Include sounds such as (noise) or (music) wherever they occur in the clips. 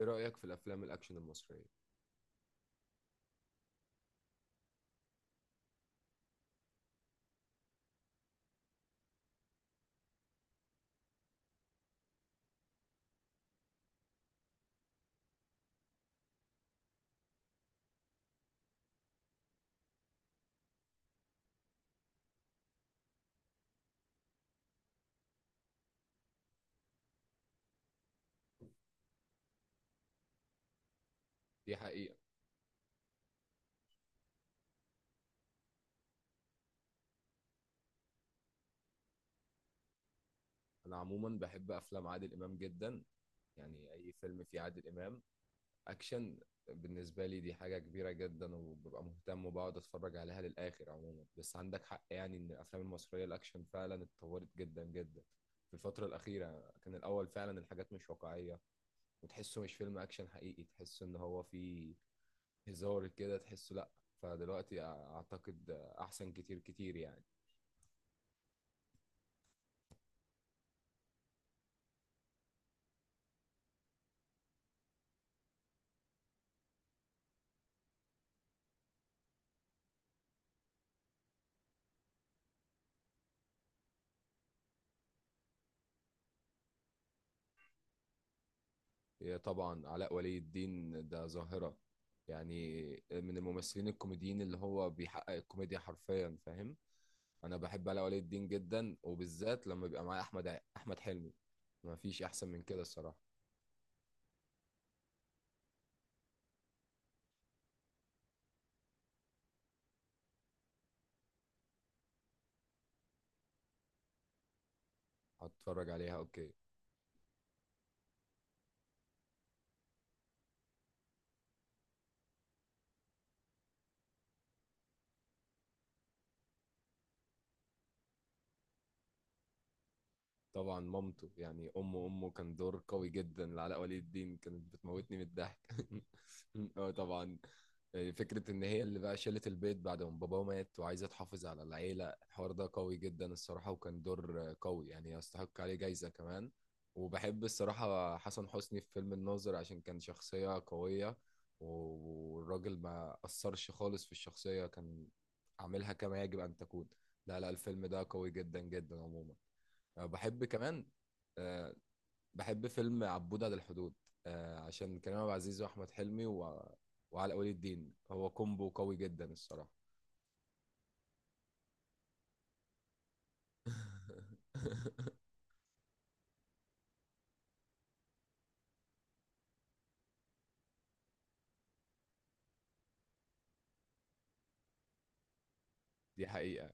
ايه رأيك في الافلام الاكشن المصرية؟ دي حقيقة. انا عموما بحب افلام عادل امام جدا، يعني اي فيلم فيه عادل امام اكشن بالنسبة لي دي حاجة كبيرة جدا وببقى مهتم وبقعد اتفرج عليها للآخر. عموما بس عندك حق، يعني ان الافلام المصرية الاكشن فعلا اتطورت جدا جدا في الفترة الأخيرة. كان الأول فعلا الحاجات مش واقعية وتحسه مش فيلم أكشن حقيقي، تحسه إن هو فيه هزار كده، تحسه لأ. فدلوقتي أعتقد أحسن كتير كتير يعني. إيه طبعا، علاء ولي الدين ده ظاهرة يعني. من الممثلين الكوميديين اللي هو بيحقق الكوميديا حرفيا، فاهم. انا بحب علاء ولي الدين جدا، وبالذات لما بيبقى معايا احمد حلمي. ما فيش احسن من كده الصراحة. هتفرج عليها اوكي طبعا مامته، يعني امه، كان دور قوي جدا لعلاء ولي الدين، كانت بتموتني من الضحك (laughs) اه طبعا. فكرة إن هي اللي بقى شالت البيت بعد ما باباه مات وعايزة تحافظ على العيلة، الحوار ده قوي جدا الصراحة، وكان دور قوي يعني يستحق عليه جايزة كمان. وبحب الصراحة حسن حسني في فيلم الناظر، عشان كان شخصية قوية والراجل ما أثرش خالص في الشخصية، كان عاملها كما يجب أن تكون. لا لا، الفيلم ده قوي جدا جدا عموما. أه بحب كمان، آه، بحب فيلم عبود على الحدود، عشان كريم عبد العزيز واحمد حلمي وعلاء ولي الدين، هو كومبو قوي جدا الصراحه. (laughs) دي حقيقه.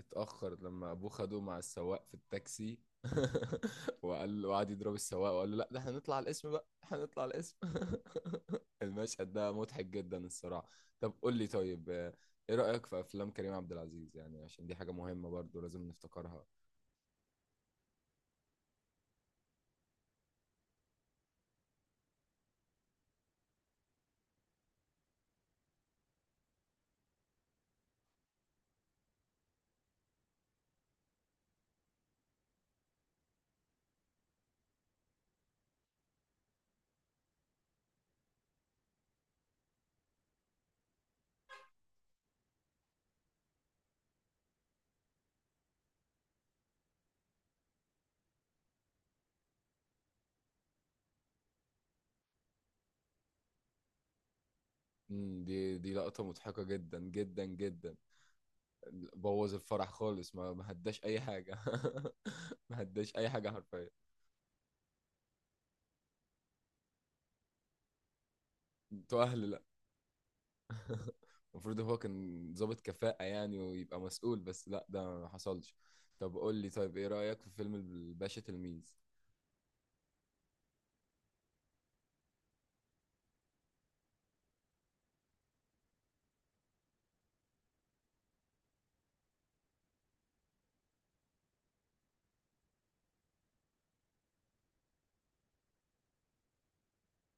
اتاخر لما ابوه خده مع السواق في التاكسي (laughs) وقال، وقعد يضرب السواق وقال له لا، ده احنا نطلع على الاسم بقى، احنا نطلع على الاسم (laughs) المشهد ده مضحك جدا الصراحه. طب قول لي طيب، ايه رايك في افلام كريم عبد العزيز، يعني عشان دي حاجه مهمه برضو لازم نفتكرها. امم، دي لقطه مضحكه جدا جدا جدا. بوظ الفرح خالص، ما هداش اي حاجه (laughs) ما هداش اي حاجه حرفيا. انتوا اهل، لا. (laughs) المفروض هو كان ضابط كفاءة يعني ويبقى مسؤول، بس لا ده ما حصلش. طب قول لي طيب، ايه رأيك في فيلم الباشا تلميذ؟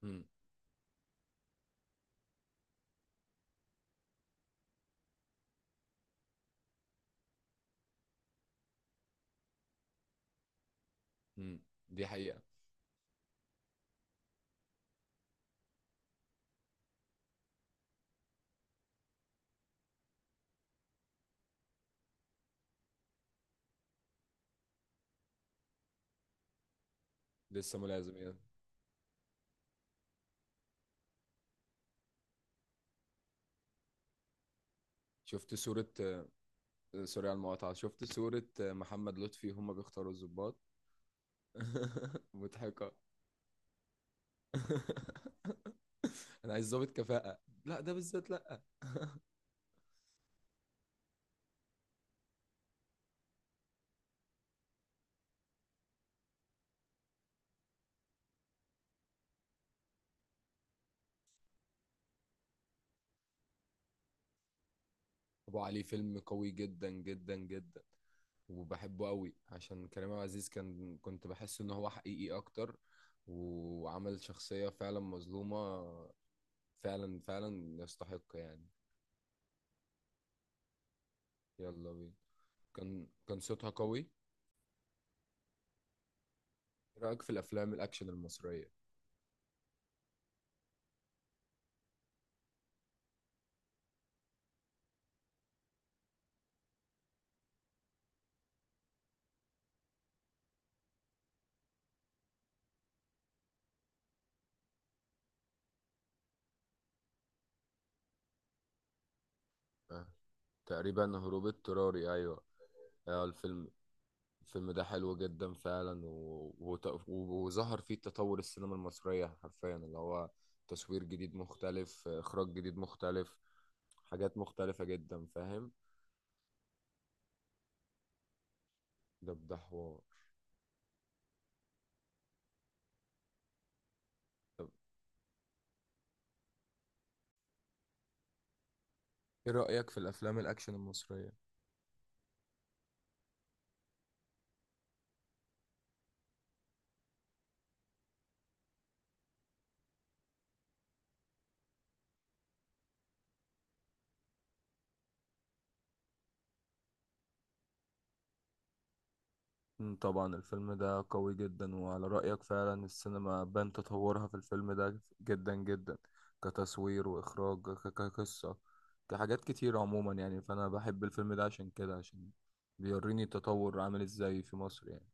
امم. امم. دي حقيقة. لسه ملازم يعني. شفت صورة سوري على المقاطعة، شفت صورة محمد لطفي هما بيختاروا الضباط (laughs) مضحكة. (laughs) انا عايز ضابط كفاءة، لا ده بالذات لا. ابو علي فيلم قوي جدا جدا جدا، وبحبه قوي عشان كريم عبد العزيز، كان كنت بحس ان هو حقيقي اكتر، وعمل شخصية فعلا مظلومة. فعلا فعلا يستحق يعني. يلا بينا. كان صوتها قوي. إيه رأيك في الافلام الاكشن المصرية؟ آه. تقريبا هروب اضطراري، ايوه اه الفيلم. الفيلم ده حلو جدا فعلا وظهر فيه تطور السينما المصرية حرفيا، اللي هو تصوير جديد مختلف، إخراج جديد مختلف، حاجات مختلفة جدا فاهم. ده ده حوار. طب إيه رأيك في الأفلام الأكشن المصرية؟ مم، طبعا الفيلم ده قوي جدا، وعلى رأيك فعلا السينما بان تطورها في الفيلم ده جدا جدا. كتصوير وإخراج كقصة، كحاجات كتير عموما يعني، فأنا بحب الفيلم ده عشان كده، عشان بيوريني التطور عامل ازاي في مصر يعني.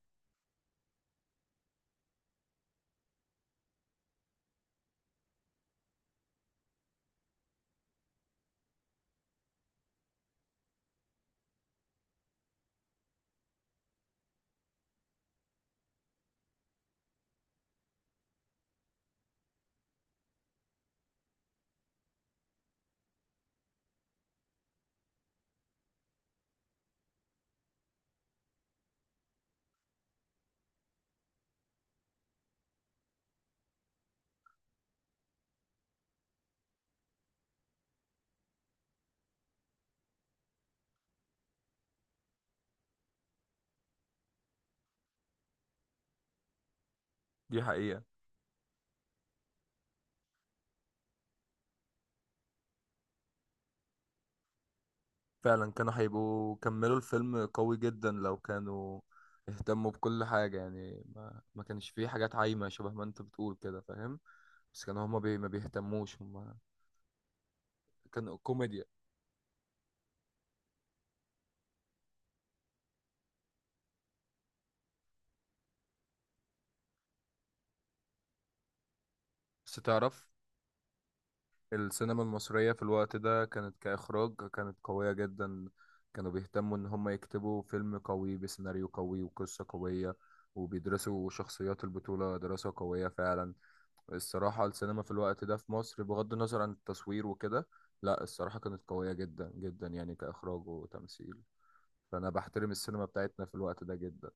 دي حقيقة. فعلا كانوا هيبقوا كملوا الفيلم قوي جدا لو كانوا اهتموا بكل حاجة، يعني ما كانش فيه حاجات عايمة، شبه ما انت بتقول كده فاهم. بس كانوا هما بي ما بيهتموش، هما كانوا كوميديا. بس تعرف، السينما المصرية في الوقت ده كانت كإخراج كانت قوية جدا. كانوا بيهتموا إن هم يكتبوا فيلم قوي بسيناريو قوي وقصة قوية، وبيدرسوا شخصيات البطولة دراسة قوية فعلا. الصراحة السينما في الوقت ده في مصر، بغض النظر عن التصوير وكده، لا الصراحة كانت قوية جدا جدا يعني كإخراج وتمثيل. فأنا بحترم السينما بتاعتنا في الوقت ده جدا.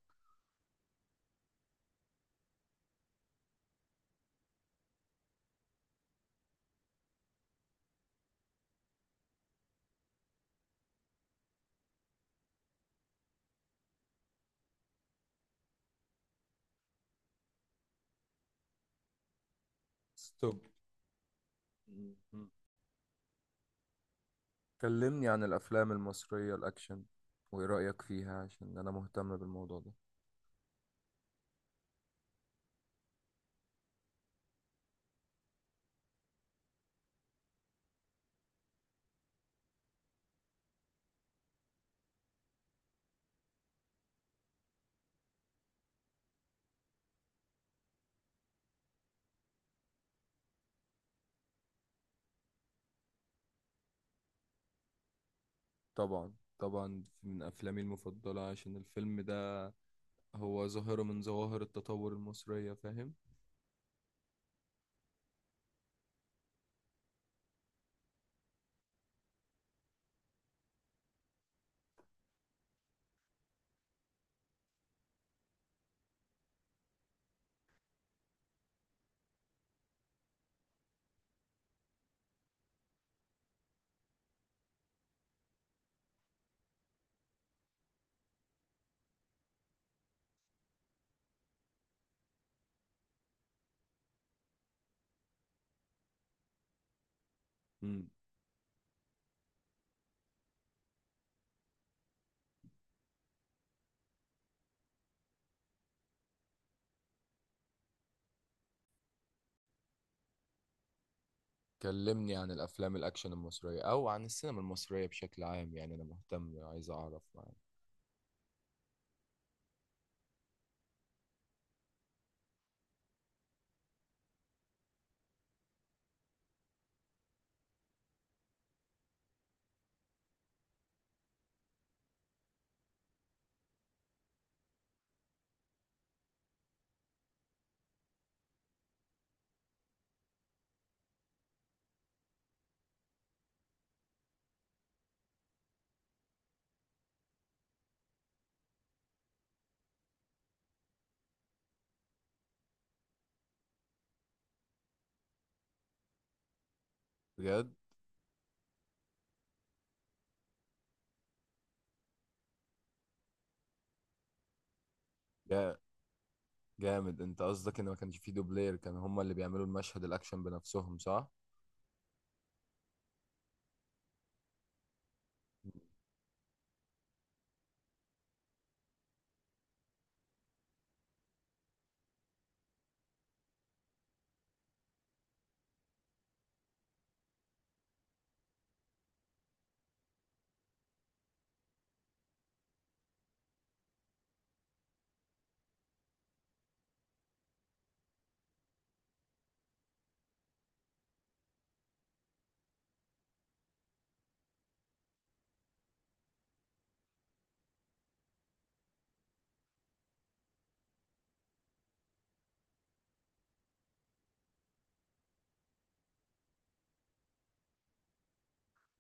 ستوب. مم. كلمني عن الأفلام المصرية الأكشن وإيه رأيك فيها، عشان أنا مهتم بالموضوع ده. طبعا. طبعا من أفلامي المفضلة، عشان الفيلم ده هو ظاهرة من ظواهر التطور المصرية فاهم. مم. كلمني عن الأفلام الأكشن المصرية أو عن السينما المصرية بشكل عام، يعني أنا مهتم عايز أعرف يعني. بجد. جا- جامد. أنت قصدك إن ما كانش فيه دوبلير، كان هما اللي بيعملوا المشهد الأكشن بنفسهم صح؟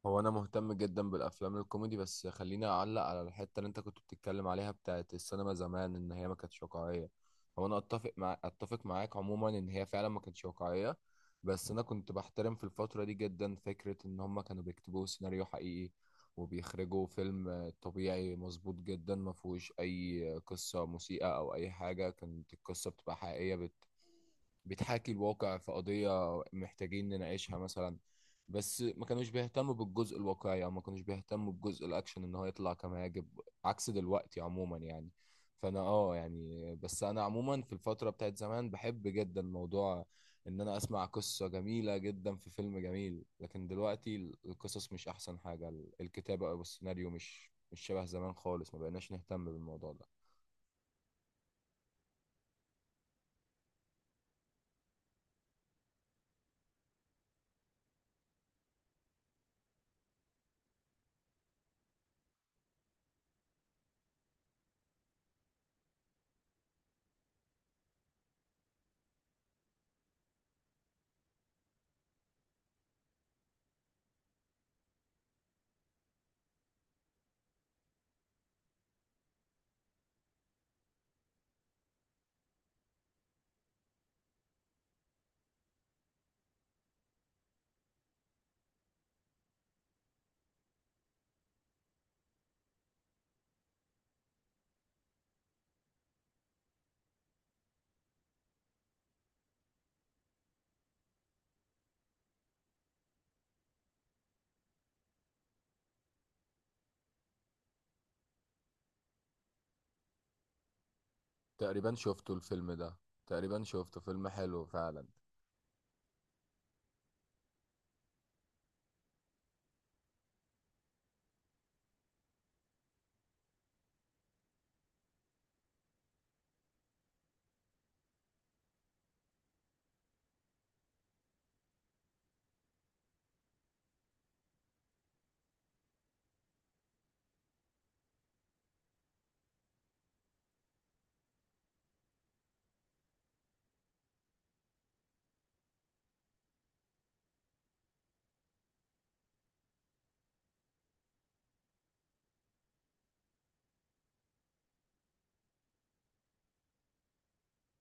هو انا مهتم جدا بالافلام الكوميدي، بس خليني اعلق على الحته اللي انت كنت بتتكلم عليها بتاعت السينما زمان ان هي ما كانتش واقعيه. هو انا اتفق معاك عموما ان هي فعلا ما كانتش واقعيه، بس انا كنت بحترم في الفتره دي جدا فكره ان هم كانوا بيكتبوا سيناريو حقيقي، وبيخرجوا فيلم طبيعي مظبوط جدا ما فيهوش اي قصه مسيئه او اي حاجه. كانت القصه بتبقى حقيقيه بتحاكي الواقع في قضية محتاجين نناقشها مثلا، بس ما كانوش بيهتموا بالجزء الواقعي، او ما كانوش بيهتموا بجزء الاكشن ان هو يطلع كما يجب، عكس دلوقتي عموما يعني. فانا اه يعني، بس انا عموما في الفترة بتاعت زمان بحب جدا موضوع ان انا اسمع قصة جميلة جدا في فيلم جميل، لكن دلوقتي القصص مش احسن حاجة، الكتابة او السيناريو مش مش شبه زمان خالص، ما بقيناش نهتم بالموضوع ده. تقريبا شفته الفيلم ده. تقريبا شفته، فيلم حلو فعلا.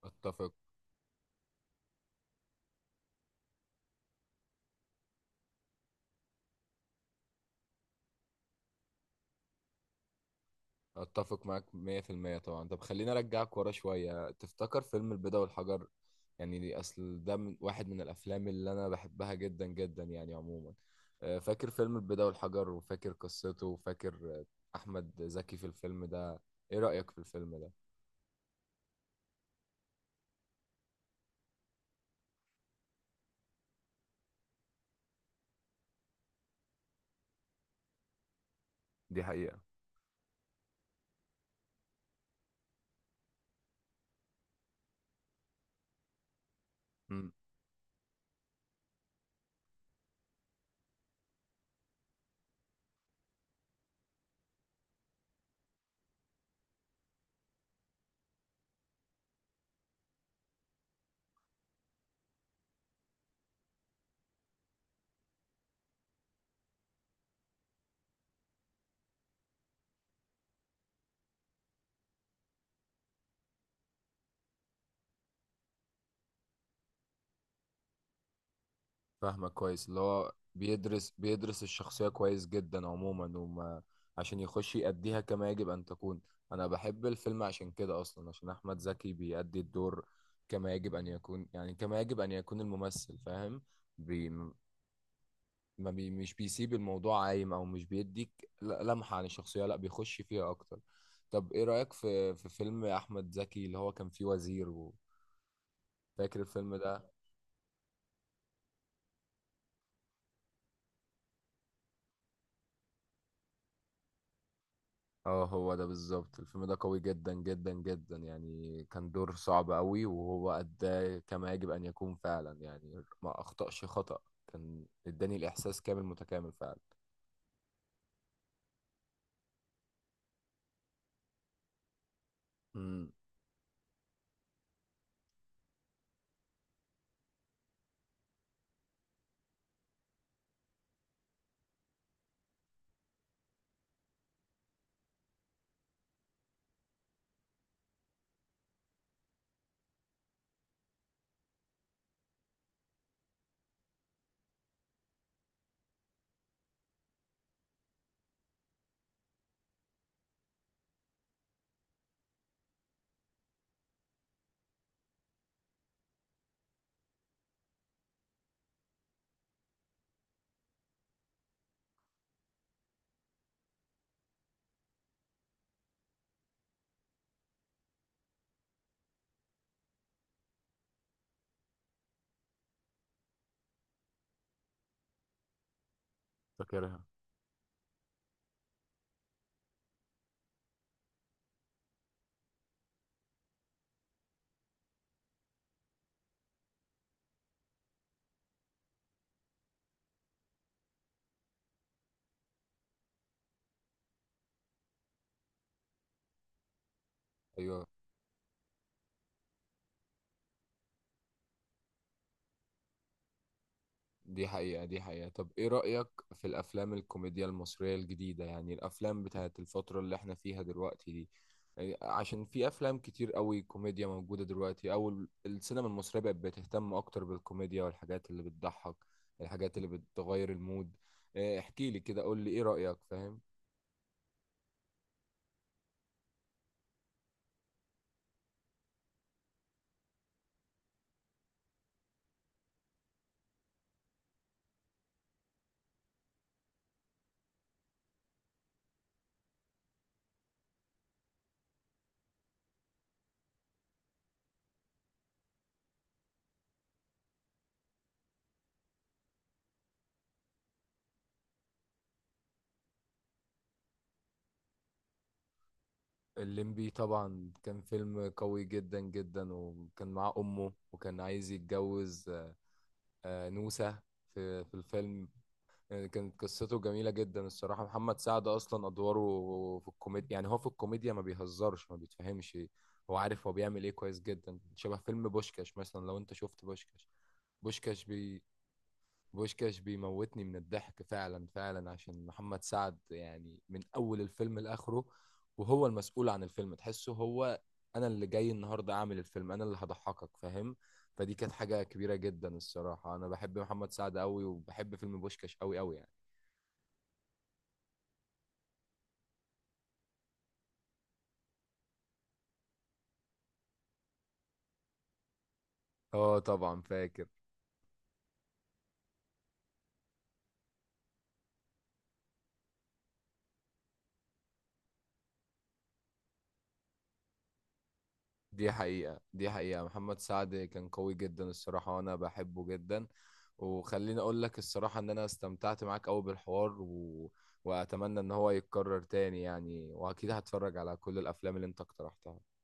اتفق. اتفق معاك 100% طبعا. طب خليني ارجعك ورا شويه، تفتكر فيلم البيضة والحجر؟ يعني دي اصل ده من واحد من الافلام اللي انا بحبها جدا جدا يعني عموما. فاكر فيلم البيضة والحجر، وفاكر قصته، وفاكر احمد زكي في الفيلم ده. ايه رايك في الفيلم ده؟ دي حقيقة. فاهمك كويس، اللي هو بيدرس الشخصية كويس جدا عموما، وما عشان يخش يأديها كما يجب أن تكون. أنا بحب الفيلم عشان كده أصلا، عشان أحمد زكي بيأدي الدور كما يجب أن يكون، يعني كما يجب أن يكون الممثل، فاهم. بي ما بي مش بيسيب الموضوع عايم أو مش بيديك لمحة عن الشخصية، لا بيخش فيها أكتر. طب إيه رأيك في فيلم أحمد زكي اللي هو كان فيه وزير، وفاكر الفيلم ده؟ اه هو ده بالظبط. الفيلم ده قوي جدا جدا جدا يعني، كان دور صعب قوي، وهو أداه كما يجب أن يكون فعلا يعني، ما أخطأش خطأ، كان اداني الإحساس كامل متكامل فعلا. امم. فاكرها. ايوه. دي حقيقة. دي حقيقة. طب ايه رأيك في الافلام الكوميديا المصرية الجديدة، يعني الافلام بتاعت الفترة اللي احنا فيها دلوقتي دي، يعني عشان في افلام كتير قوي كوميديا موجودة دلوقتي، او السينما المصرية بقت بتهتم اكتر بالكوميديا والحاجات اللي بتضحك، الحاجات اللي بتغير المود. إيه، احكي لي كده، قول لي ايه رأيك فاهم. الليمبي طبعا كان فيلم قوي جدا جدا، وكان معاه امه، وكان عايز يتجوز نوسة في الفيلم. يعني كانت قصته جميلة جدا الصراحة. محمد سعد أصلا أدواره في الكوميديا، يعني هو في الكوميديا ما بيهزرش ما بيتفهمش، هو عارف هو بيعمل إيه كويس جدا. شبه فيلم بوشكاش مثلا، لو أنت شفت بوشكاش. بوشكاش بي بوشكاش بيموتني من الضحك فعلا فعلا، عشان محمد سعد يعني من أول الفيلم لآخره، وهو المسؤول عن الفيلم، تحسه هو أنا اللي جاي النهاردة أعمل الفيلم، أنا اللي هضحكك فاهم. فدي كانت حاجة كبيرة جدا الصراحة. أنا بحب محمد سعد أوي، وبحب فيلم بوشكاش أوي أوي يعني. اه طبعا فاكر. دي حقيقة. دي حقيقة. محمد سعد كان قوي جدا الصراحة، وانا بحبه جدا. وخليني اقول لك الصراحة ان انا استمتعت معاك قوي بالحوار واتمنى ان هو يتكرر تاني يعني، واكيد هتفرج على كل الافلام اللي انت اقترحتها.